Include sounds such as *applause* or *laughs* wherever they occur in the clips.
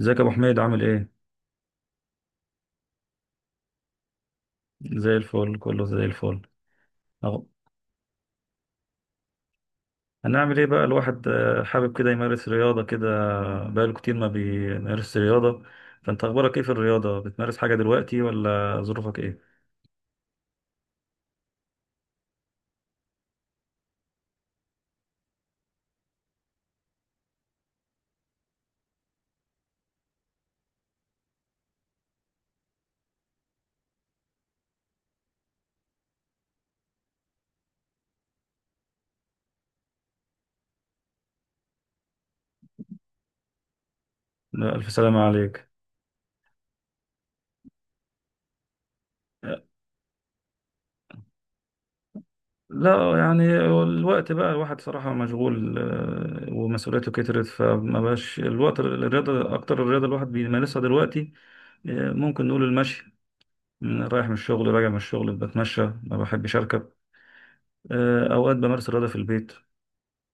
ازيك يا ابو حميد؟ عامل ايه؟ زي الفل، كله زي الفل. اهو، هنعمل ايه بقى الواحد؟ حابب كده يمارس رياضه كده. بقاله كتير ما بيمارس رياضه. فانت اخبارك ايه في الرياضه؟ بتمارس حاجه دلوقتي ولا ظروفك ايه؟ لا، الف سلامه عليك. آه. لا يعني الوقت بقى الواحد صراحه مشغول، ومسؤوليته كترت، فما بقاش الوقت الرياضه. اكتر الرياضه الواحد بيمارسها دلوقتي ممكن نقول المشي. رايح من الشغل، راجع من الشغل، بتمشى، ما بحبش اركب. أوقات بمارس الرياضة في البيت.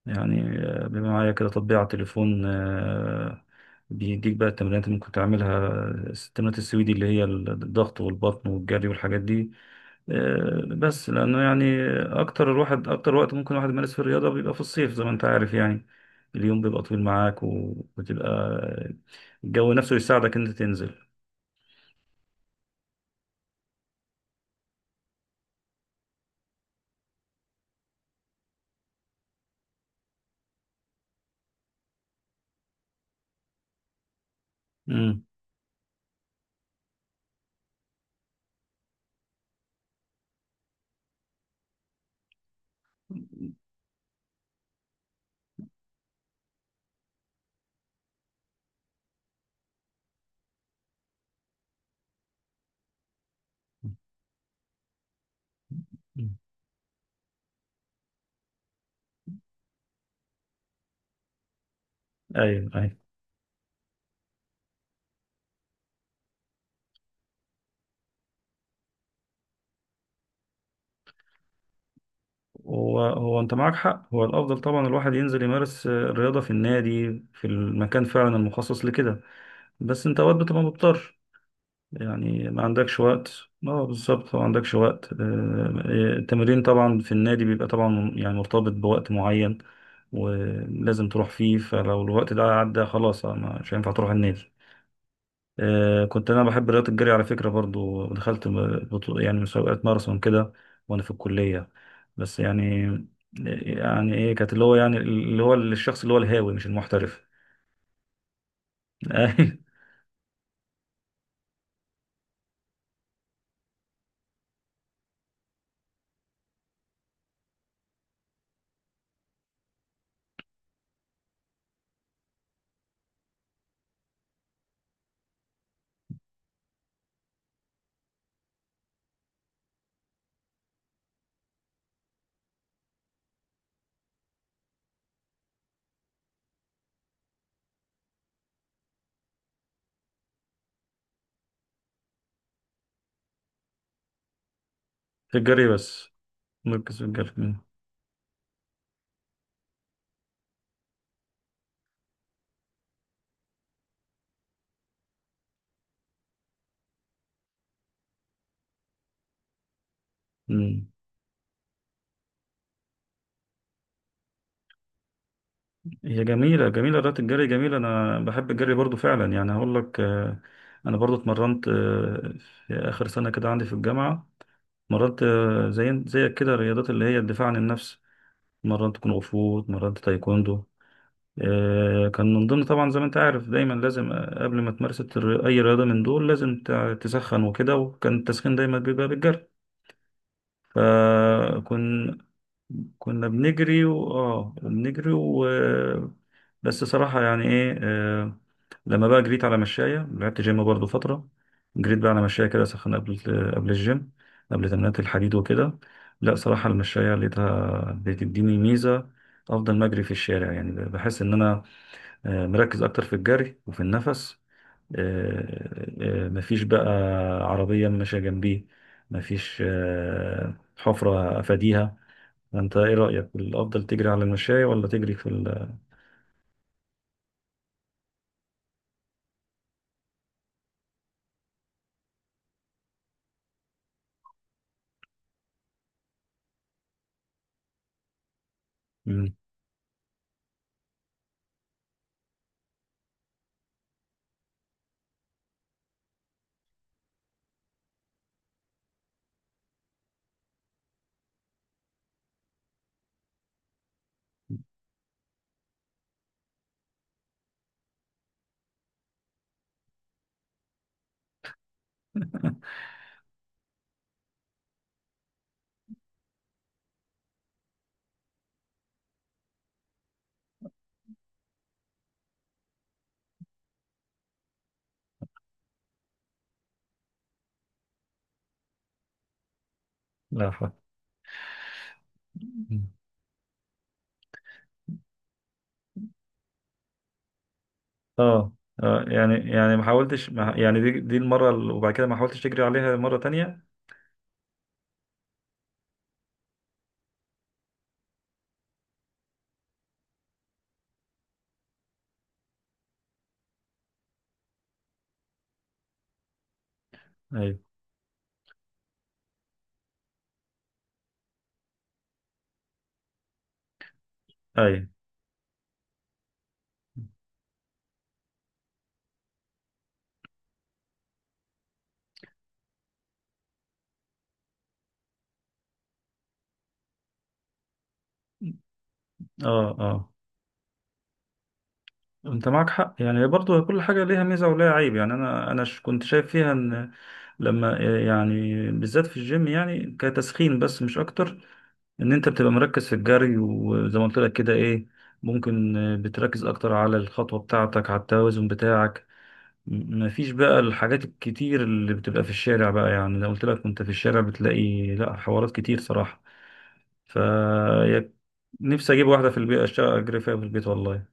يعني بيبقى معايا كده تطبيق على التليفون. بيديك بقى التمرينات اللي ممكن تعملها، التمرينات السويدي اللي هي الضغط والبطن والجري والحاجات دي. بس لأنه يعني أكتر الواحد، أكتر وقت ممكن الواحد يمارس فيه الرياضة بيبقى في الصيف، زي ما أنت عارف يعني. اليوم بيبقى طويل معاك وبتبقى الجو نفسه يساعدك إن أنت تنزل. مم. أيوه أيوه. هو انت معاك حق، هو الافضل طبعا الواحد ينزل يمارس الرياضه في النادي، في المكان فعلا المخصص لكده. بس انت اوقات بتبقى مضطر، يعني ما عندكش وقت. اه بالظبط، ما عندكش وقت. التمرين طبعا في النادي بيبقى طبعا يعني مرتبط بوقت معين ولازم تروح فيه، فلو الوقت ده عدى خلاص مش هينفع تروح النادي. كنت انا بحب رياضه الجري على فكره. برضو دخلت يعني مسابقات ماراثون كده، وانا في الكليه. بس يعني يعني ايه، كانت اللي هو يعني اللي هو الشخص اللي هو الهاوي مش المحترف. *laughs* أيوة. في الجري بس. مركز في الجري. مم. مم. هي جميله، جميله رياضه الجري، جميله. انا بحب الجري برضو فعلا، يعني هقول لك انا برضو اتمرنت في اخر سنه كده عندي في الجامعه. مرنت زي زيك كده رياضات اللي هي الدفاع عن النفس. مرنت كونغ فو، مرنت تايكوندو. كان من ضمن طبعا، زي ما انت عارف دايما لازم قبل ما تمارس اي رياضه من دول لازم تسخن وكده، وكان التسخين دايما بيبقى بالجري. فكنا، كنا بنجري و... اه بنجري و... بس صراحه يعني ايه لما بقى جريت على مشايه، لعبت جيم برضو فتره. جريت بقى على مشايه كده سخن قبل، قبل الجيم، قبل تمرينات الحديد وكده. لا صراحه المشايه لقيتها بتديني ميزه افضل ما اجري في الشارع. يعني بحس ان انا نركز اكتر في الجري وفي النفس. مفيش بقى عربية ماشية جنبيه، مفيش حفرة افاديها. انت ايه رأيك؟ الافضل تجري على المشاية ولا تجري في ال... مم. لا ف... مم. اه. يعني يعني ما حاولتش، ما يعني دي المرة وبعد كده ما حاولتش تجري عليها مرة تانية؟ ايوه ايوه. اه اه. انت معك حق، يعني برضو كل حاجة ليها ميزة وليها عيب. يعني انا كنت شايف فيها ان لما يعني بالذات في الجيم يعني كتسخين بس مش اكتر، ان انت بتبقى مركز في الجري، وزي ما قلت لك كده ايه، ممكن بتركز اكتر على الخطوة بتاعتك، على التوازن بتاعك. مفيش بقى الحاجات الكتير اللي بتبقى في الشارع بقى. يعني لو قلت لك وانت في الشارع بتلاقي لا حوارات كتير صراحة. ف... نفسي اجيب واحدة في البيت، اشتغل اجري فيها في البيت والله.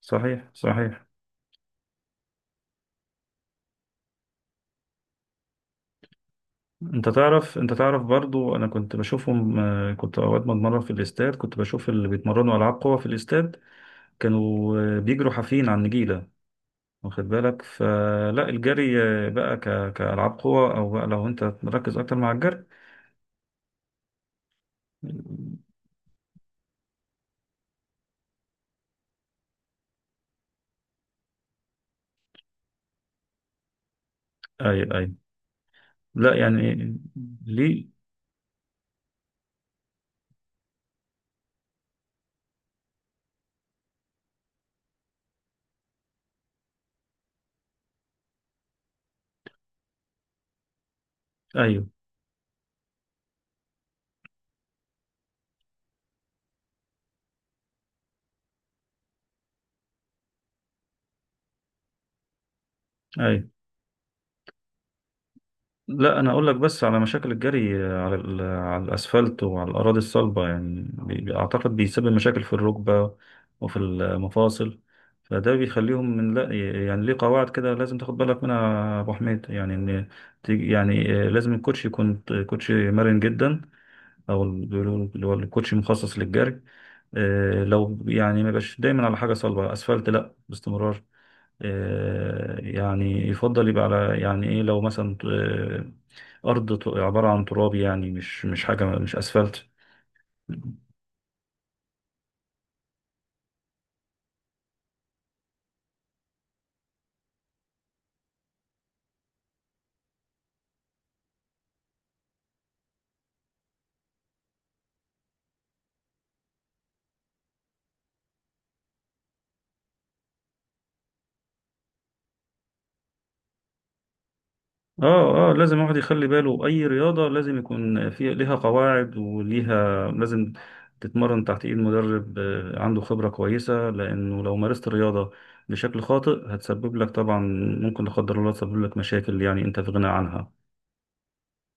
صحيح صحيح. انت تعرف، انت تعرف برضو انا كنت بشوفهم كنت اوقات بتمرن في الاستاد، كنت بشوف اللي بيتمرنوا العاب قوه في الاستاد. كانوا بيجروا حافيين على النجيله، واخد بالك؟ فلا الجري بقى كالعاب قوه، او بقى لو انت مركز اكتر مع الجري. ايوه ايوه. لا يعني ليه. ايوه ايوه. لا انا اقول لك بس على مشاكل الجري على على الاسفلت وعلى الاراضي الصلبه، يعني اعتقد بيسبب مشاكل في الركبه وفي المفاصل، فده بيخليهم من لا، يعني ليه قواعد كده لازم تاخد بالك منها يا ابو حميد. يعني ان يعني لازم الكوتش يكون كوتشي مرن جدا، او بيقولوا اللي هو الكوتشي مخصص للجري. لو يعني ما يبقاش دايما على حاجه صلبه، اسفلت لا باستمرار. يعني يفضل يبقى على يعني ايه، لو مثلا ارض عبارة عن تراب، يعني مش مش حاجة مش اسفلت. اه اه. لازم الواحد يخلي باله، اي رياضة لازم يكون في ليها قواعد وليها لازم تتمرن تحت ايد مدرب عنده خبرة كويسة، لانه لو مارست الرياضة بشكل خاطئ هتسبب لك طبعا، ممكن لا قدر الله تسبب لك مشاكل يعني انت في غنى عنها.